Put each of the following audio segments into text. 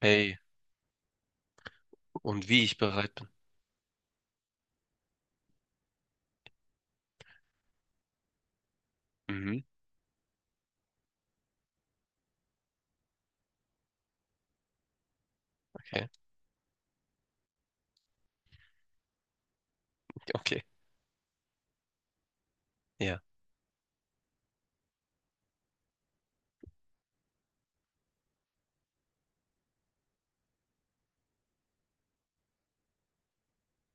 Hey, und wie ich bereit bin. Mhm, okay, okay. Ja.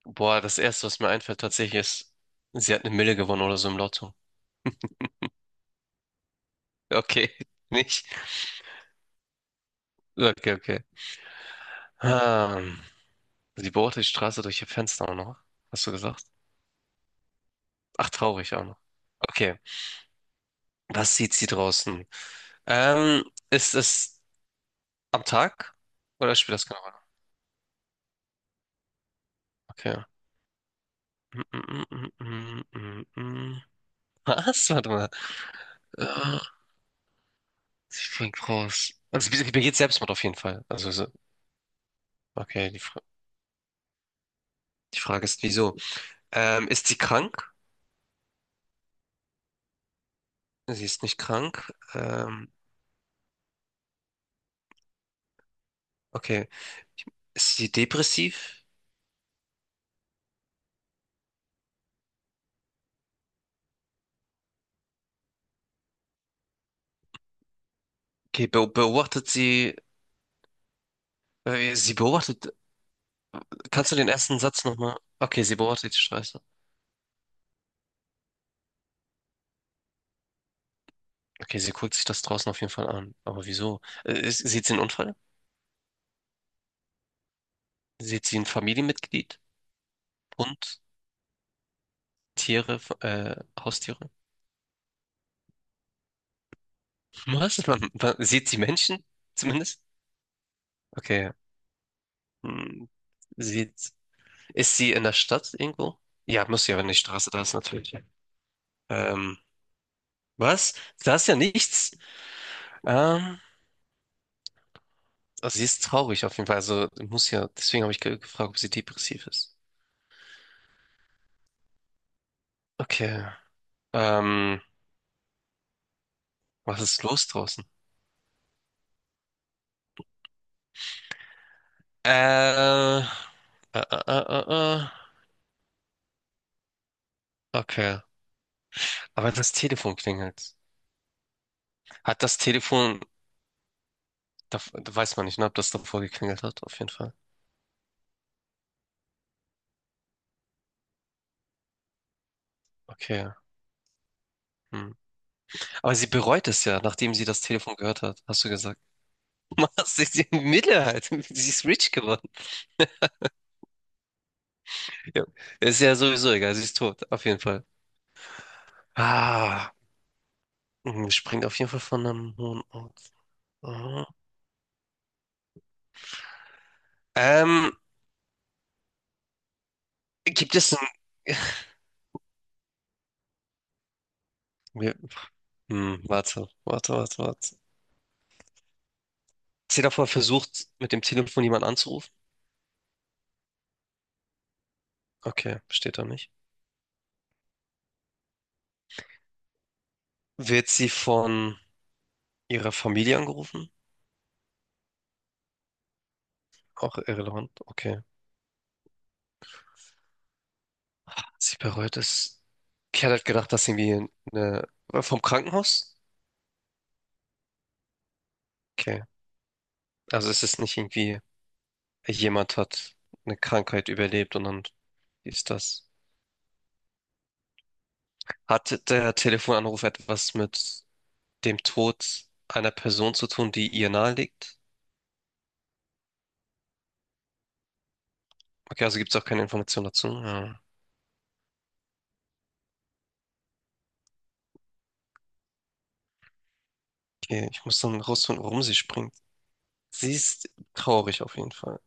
Boah, das Erste, was mir einfällt tatsächlich ist, sie hat eine Mille gewonnen oder so im Lotto. Okay, nicht? Okay, okay. Hm. Sie beobachtet die Straße durch ihr Fenster auch noch. Hast du gesagt? Ach, traurig auch noch. Okay, was sieht sie draußen? Ähm, ist es am Tag oder spielt das keine Rolle? Okay. Mm, mm, mm, mm, mm, mm. Was? Warte mal. Ah, sie springt raus. Also sie begeht Selbstmord auf jeden Fall. Also so- okay, die Frage ist, wieso? Ist sie krank? Sie ist nicht krank. Okay, ist sie depressiv? Okay, be beobachtet sie, äh, sie beobachtet, kannst du den ersten Satz nochmal? Okay, sie beobachtet die Straße. Okay, sie guckt sich das draußen auf jeden Fall an. Aber wieso? Sieht sie einen Unfall? Sieht sie ein Familienmitglied? Hund? Tiere? Haustiere? Was? Sieht sie Menschen? Zumindest? Okay. Hm, Sieht Ist sie in der Stadt irgendwo? Ja, muss ja, wenn die Straße da ist, natürlich. Ähm, was? Da ist ja nichts. Ähm, also sie ist traurig auf jeden Fall. Also muss ja, deswegen habe ich gefragt, ob sie depressiv ist. Okay. Ähm, was ist los draußen? Äh, äh, äh, äh, äh. äh. Okay. Aber das Telefon klingelt. Hat das Telefon, da weiß man nicht, ne, ob das davor geklingelt hat, auf jeden Fall. Okay. Hm. Aber sie bereut es ja, nachdem sie das Telefon gehört hat, hast du gesagt. Machst dich die Minderheit. Sie ist rich geworden. Ja. Ist ja sowieso egal, sie ist tot, auf jeden Fall. Ah, mh, springt auf jeden Fall von einem hohen Ort. Aha. Ähm, gibt es ein... wir- Hm, warte. Ist sie davor versucht, mit dem Telefon jemanden anzurufen? Okay, steht da nicht. Wird sie von ihrer Familie angerufen? Auch irrelevant, okay. Sie bereut es. Ich hatte gedacht, dass irgendwie eine... vom Krankenhaus? Okay, also es ist nicht irgendwie... jemand hat eine Krankheit überlebt und dann ist das. Hat der Telefonanruf etwas mit dem Tod einer Person zu tun, die ihr nahe liegt? Okay, also gibt es auch keine Information dazu. Ja. Okay, ich muss dann rausfinden, warum sie springt. Sie ist traurig auf jeden Fall.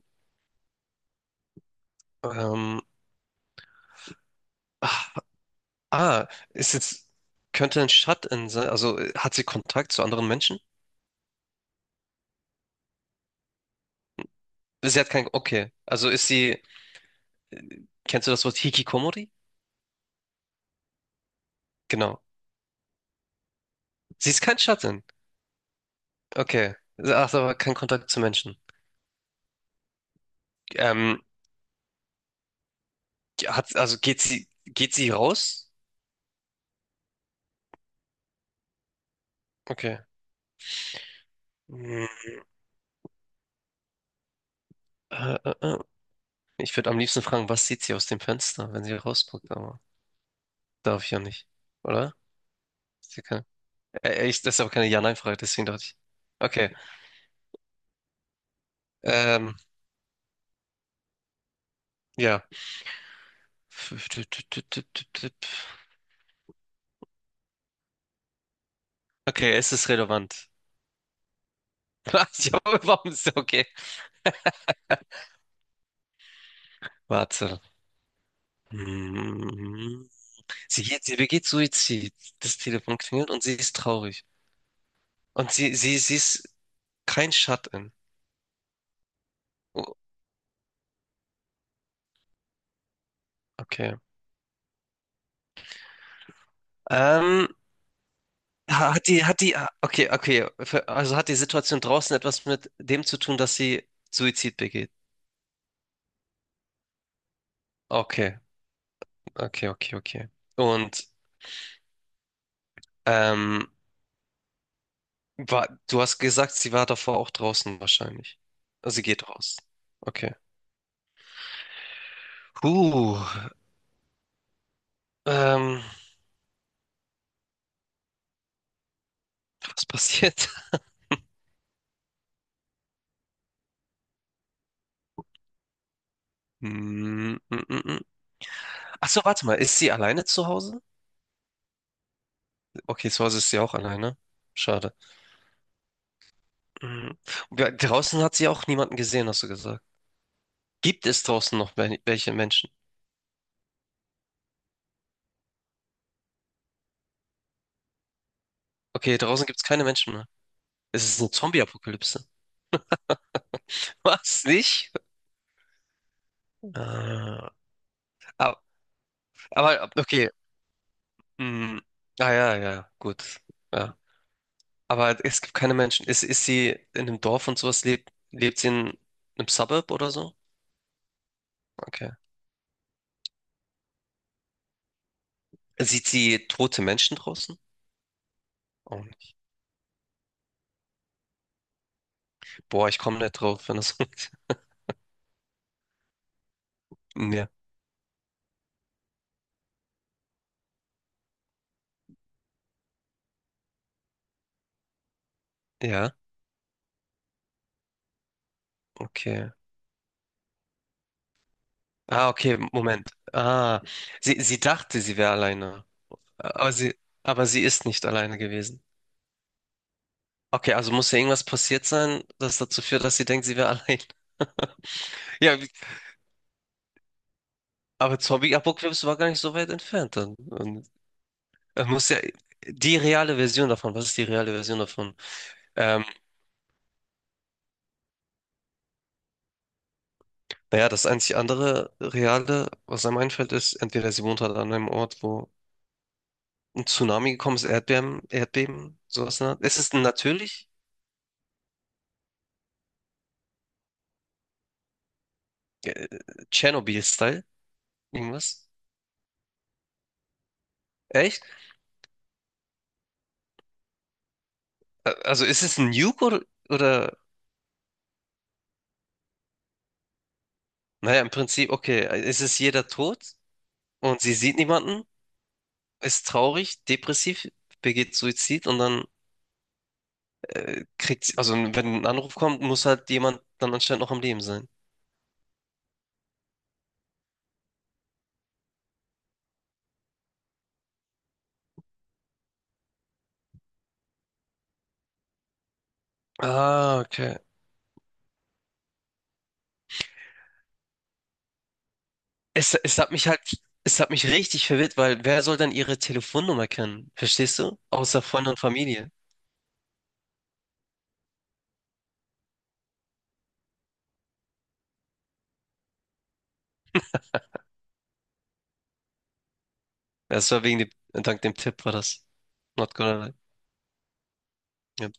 Ähm, ah, ah, ist jetzt, könnte ein Shut-in sein, also hat sie Kontakt zu anderen Menschen? Sie hat kein, okay, kennst du das Wort Hikikomori? Genau. Sie ist kein shut okay. Ach, so, aber kein Kontakt zu Menschen. Ähm, also geht sie raus? Okay. Hm, äh, äh, äh. Ich würde am liebsten fragen, was sieht sie aus dem Fenster, wenn sie rausguckt, aber darf ich ja nicht, oder? Sie kann, das ist aber keine Ja-Nein-Frage, deswegen dachte ich. Okay. Ähm, ja. Okay, es ist relevant. Ich habe warum ist okay? Warte. Hm. Sie begeht Suizid. Das Telefon klingelt und sie ist traurig. Und sie ist kein Shut-in. Oh, okay. Ähm, ha- hat die, ah, okay, okay. Ver- Also hat die Situation draußen etwas mit dem zu tun, dass sie Suizid begeht? Okay, okay. Und ähm, du hast gesagt, sie war davor auch draußen wahrscheinlich. Also sie geht raus. Okay. Huh, ähm, was passiert? Mm, mm, mm, mm. Ach so, warte mal, ist sie alleine zu Hause? Okay, zu Hause ist sie auch alleine. Schade. Mhm. Draußen hat sie auch niemanden gesehen, hast du gesagt. Gibt es draußen noch welche Menschen? Okay, draußen gibt es keine Menschen mehr. Es ist eine Zombie-Apokalypse. Was, nicht? Äh, aber, aber, okay. Hm. Ah, ja, ja, gut. Ja. Aber es gibt keine Menschen. Ist sie in einem Dorf und sowas? Lebt sie in einem Suburb oder so? Okay. Sieht sie tote Menschen draußen? Auch nicht. Boah, ich komme nicht drauf, wenn das. Ja. Ja, okay. Ah, okay, Moment. Ah, sie dachte, sie wäre alleine. Aber sie, aber sie ist nicht alleine gewesen. Okay, also muss ja irgendwas passiert sein, das dazu führt, dass sie denkt, sie wäre allein. Ja, wie- aber Zombie Apocalypse war gar nicht so weit entfernt dann. Und er muss ja die reale Version davon, was ist die reale Version davon? Ähm, naja, das einzig andere reale, was einem einfällt, ist, entweder sie wohnt halt an einem Ort, wo ein Tsunami gekommen ist, Erdbeben, sowas. In der Art. Es ist natürlich äh, Tschernobyl-Style. Irgendwas? Echt? Ä- also ist es ein Nuke oder, naja, im Prinzip, okay, es ist jeder tot und sie sieht niemanden, ist traurig, depressiv, begeht Suizid und dann kriegt sie, also wenn ein Anruf kommt, muss halt jemand dann anscheinend noch am Leben sein. Ah, okay. Es hat mich halt, es hat mich richtig verwirrt, weil wer soll dann ihre Telefonnummer kennen? Verstehst du? Außer Freunde und Familie. Das war wegen dem, dank dem Tipp war das. Not gonna lie. Ja,